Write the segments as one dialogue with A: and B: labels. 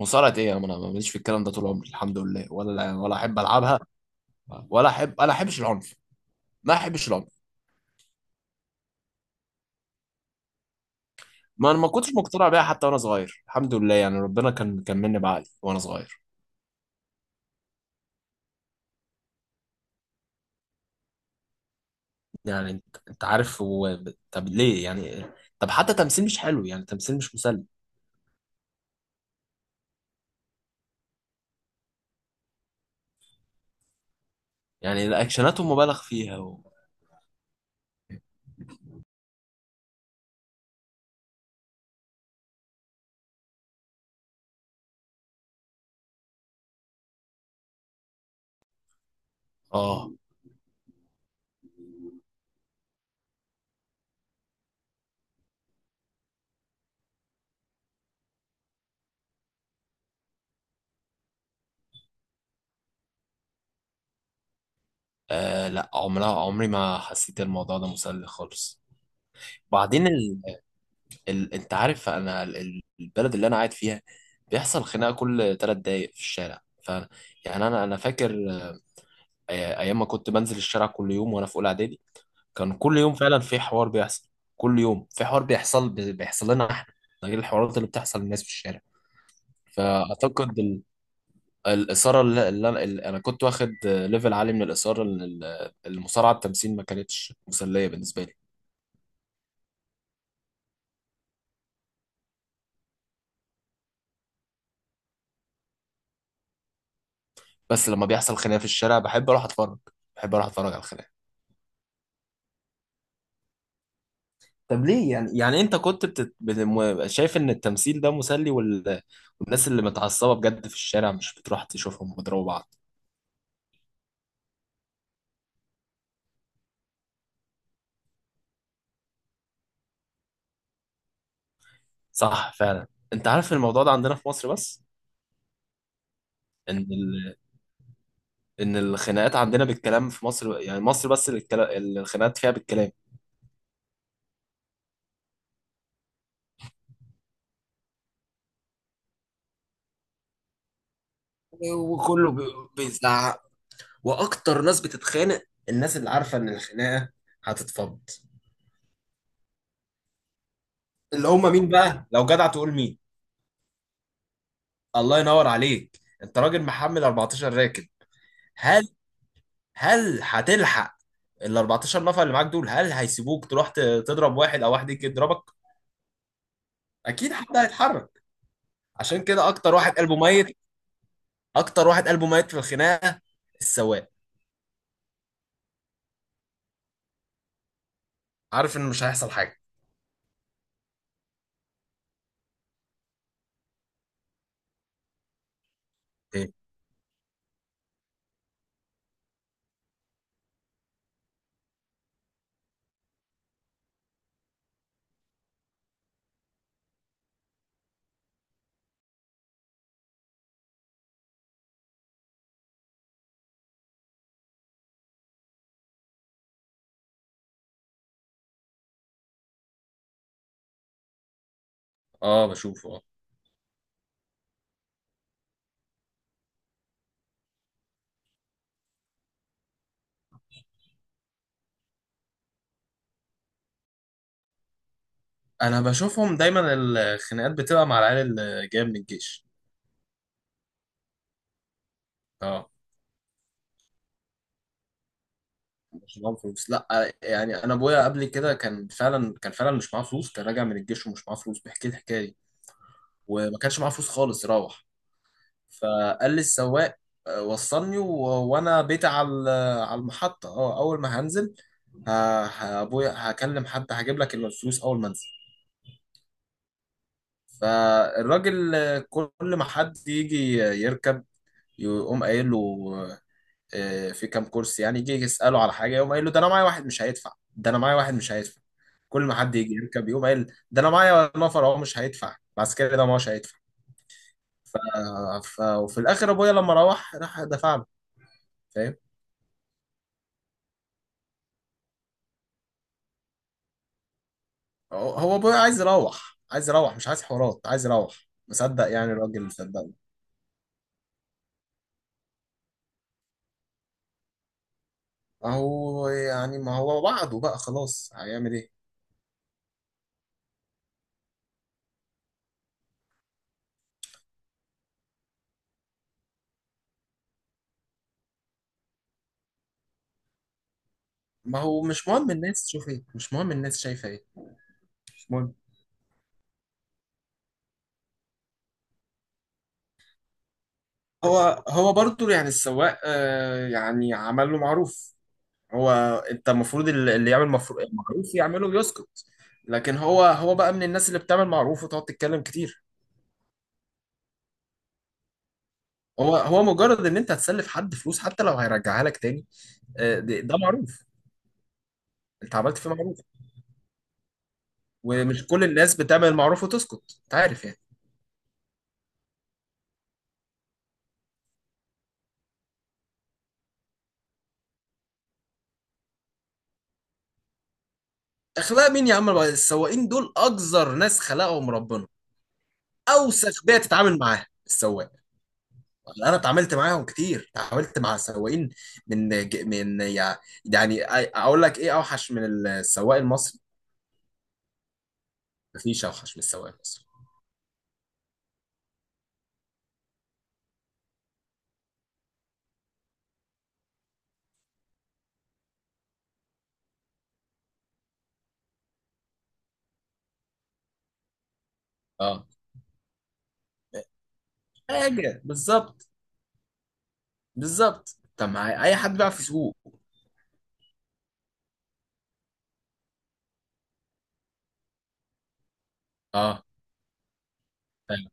A: مصارعة ايه يا عم؟ انا ماليش في الكلام ده طول عمري، الحمد لله، ولا احب العبها. ولا احب، انا احبش العنف، ما احبش العنف. ما انا ما كنتش مقتنع بيها حتى وانا صغير، الحمد لله، يعني ربنا كان مني بعقلي وانا صغير. يعني انت عارف هو طب ليه يعني؟ طب حتى تمثيل مش حلو، يعني تمثيل مش مسلي. يعني الاكشناتهم مبالغ فيها اه. لا، عمري ما حسيت الموضوع ده مسلي خالص. بعدين انت عارف انا البلد اللي انا قاعد فيها بيحصل خناقه كل ثلاث دقايق في الشارع، يعني انا فاكر ايام ما كنت بنزل الشارع كل يوم وانا في اولى اعدادي. كان كل يوم فعلا في حوار بيحصل. كل يوم في حوار بيحصل، بيحصل لنا احنا. ده غير الحوارات اللي بتحصل للناس في الشارع. فاعتقد الاثاره اللي انا كنت واخد، ليفل عالي من الاثاره، إن المصارعه التمثيل ما كانتش مسليه بالنسبه لي. بس لما بيحصل خناقه في الشارع بحب اروح اتفرج، بحب اروح اتفرج على الخناقه. طب ليه يعني؟ يعني انت كنت شايف ان التمثيل ده مسلي والناس اللي متعصبه بجد في الشارع مش بتروح تشوفهم وتضربوا بعض؟ صح فعلا. انت عارف الموضوع ده عندنا في مصر بس، ان ال... ان الخناقات عندنا بالكلام في مصر، يعني مصر بس اللي الخناقات فيها بالكلام. وكله بيزعق، واكتر ناس بتتخانق الناس اللي عارفه ان الخناقه هتتفض. اللي هم مين بقى لو جدع تقول مين؟ الله ينور عليك، انت راجل محمل 14 راكب. هل هل هتلحق؟ ال 14 نفر اللي معاك دول هل هيسيبوك تروح تضرب واحد او واحد يجي يضربك؟ اكيد حد هيتحرك. عشان كده اكتر واحد قلبه ميت، اكتر واحد قلبه ميت في الخناقه السواق. عارف ان مش هيحصل حاجه. ايه؟ اه بشوفه اه. انا بشوفهم دايما، الخناقات بتبقى مع العيال اللي جايه من الجيش. اه، مش معاهم فلوس، لا. يعني انا ابويا قبل كده كان فعلا، كان فعلا مش معاه فلوس، كان راجع من الجيش ومش معاه فلوس، بيحكي لي الحكايه دي. وما كانش معاه فلوس خالص يروح. فقال لي السواق: وصلني وانا بيت على على المحطة، اه، اول ما هنزل ابويا هكلم حد هجيب لك الفلوس اول ما انزل. فالراجل، كل ما حد يجي يركب يقوم قايل له، في كام كرسي يعني، يجي يسأله على حاجة، يقوم قايل له: ده انا معايا واحد مش هيدفع، ده انا معايا واحد مش هيدفع. كل ما حد يجي يركب يقوم قايل: ده انا معايا نفر اهو مش هيدفع، العسكري ده ما هوش هيدفع. وفي الاخر ابويا لما روح راح دفع له. فاهم؟ هو ابويا عايز يروح، مش عايز حوارات، عايز يروح، مصدق يعني الراجل، صدقني. اهو، يعني ما هو وعده بقى خلاص، هيعمل ايه؟ ما هو مش مهم الناس تشوف ايه، مش مهم الناس شايفه ايه، مش مهم. هو برضو يعني السواق، آه يعني عمل له معروف. هو انت المفروض اللي يعمل معروف يعمله ويسكت. لكن هو بقى من الناس اللي بتعمل معروف وتقعد تتكلم كتير. هو مجرد ان انت هتسلف حد فلوس حتى لو هيرجعها لك تاني، ده معروف. انت عملت فيه معروف، ومش كل الناس بتعمل المعروف وتسكت، انت عارف يعني. اخلاق مين يا عم؟ السواقين دول اقذر ناس خلقهم ربنا، اوسخ بيئه تتعامل معاها السواق. انا اتعاملت معاهم كتير، اتعاملت مع سواقين من ج- من يع- يعني اقول لك ايه، اوحش من السواق المصري. مفيش اوحش من السواق المصري. اه حاجه بالظبط بالظبط. طب مع اي حد بيعرف يسوق؟ اه فاهم.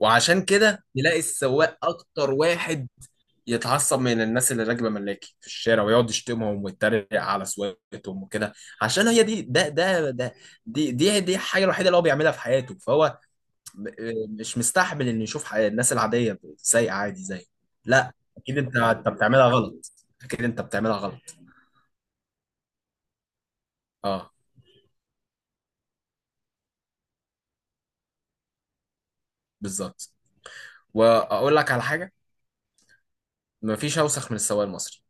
A: وعشان كده تلاقي السواق اكتر واحد يتعصب من الناس اللي راكبه ملاكي في الشارع، ويقعد يشتمهم ويتريق على سواقتهم وكده. عشان هي دي، ده ده ده دي دي دي الحاجه الوحيده اللي هو بيعملها في حياته، فهو مش مستحمل انه يشوف الناس العاديه سايقه عادي زي. لا اكيد، انت بتعملها غلط، اكيد انت بتعملها غلط. اه بالظبط. واقول لك على حاجه: مفيش اوسخ من السواق المصري.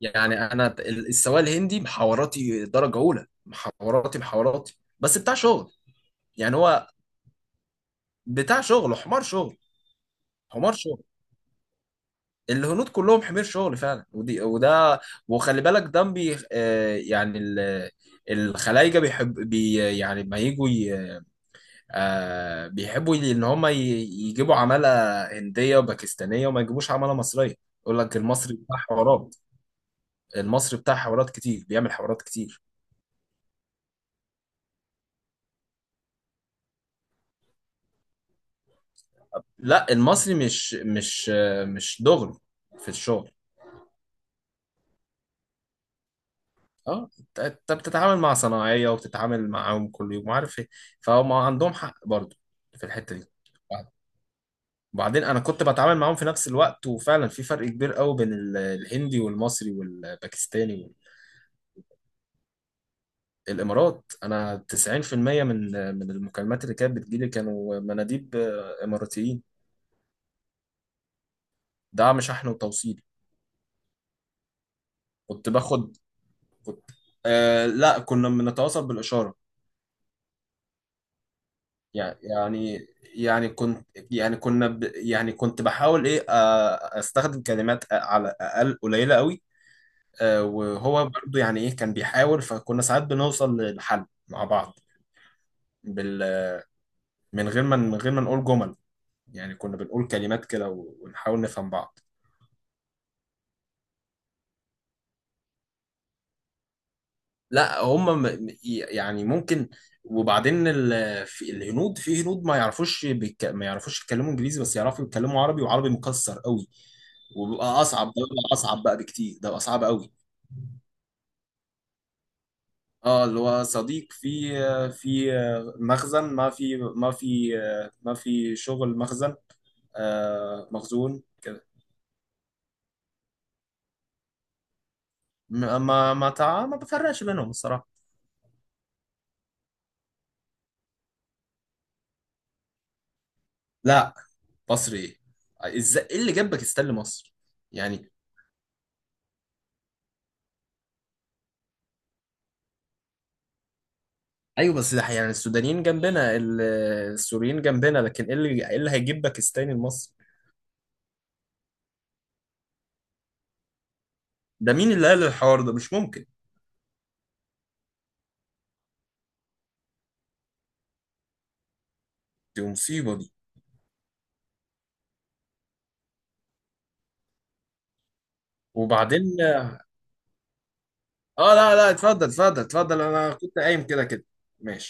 A: يعني انا السواق الهندي، محاوراتي درجه اولى، محاوراتي بس بتاع شغل. يعني هو بتاع شغل، حمار شغل، حمار شغل. الهنود كلهم حمير شغل فعلا، ودي وده. وخلي بالك ده بي آه، يعني الخلايجه بيحب يعني ما يجوا بيحبوا ان هم يجيبوا عماله هنديه وباكستانيه وما يجيبوش عماله مصريه. يقول لك المصري بتاع حوارات، المصري بتاع حوارات كتير، بيعمل حوارات كتير. لا المصري مش مش، مش دغري في الشغل. اه انت، أنت بتتعامل مع صناعية وبتتعامل معاهم كل يوم وعارف ايه، فهم عندهم حق برضو في الحتة دي. وبعدين انا كنت بتعامل معاهم في نفس الوقت، وفعلا في فرق كبير قوي بين الهندي والمصري والباكستاني والامارات. انا 90% من من المكالمات اللي كانت بتجيلي كانوا مناديب اماراتيين. دعم شحن وتوصيل. كنت باخد كنت آه لا، كنا بنتواصل بالاشارة. يعني يعني يعني كنت يعني كنا يعني كنت بحاول ايه، استخدم كلمات على اقل قليله قوي. وهو برضو يعني ايه كان بيحاول، فكنا ساعات بنوصل للحل مع بعض. بال من غير ما نقول جمل، يعني كنا بنقول كلمات كده ونحاول نفهم بعض. لا هم يعني ممكن. وبعدين في الهنود، في هنود ما يعرفوش يتكلموا انجليزي، بس يعرفوا يتكلموا عربي، وعربي مكسر قوي. وبيبقى اصعب، ده بيبقى اصعب بقى بكتير، ده بيبقى صعب قوي. اه اللي هو صديق في مخزن، ما في شغل مخزن، آه مخزون كده. ما بفرقش بينهم الصراحة. لا، مصر ايه؟ ازاي؟ ايه اللي جابك استاذ لمصر؟ يعني ايوه، بس ده يعني السودانيين جنبنا، السوريين جنبنا، لكن ايه اللي هيجيب باكستاني لمصر؟ ده مين اللي قال الحوار ده؟ مش ممكن. دي مصيبة دي. وبعدين اه، لا لا، اتفضل اتفضل اتفضل، انا كنت قايم كده كده. ماشي.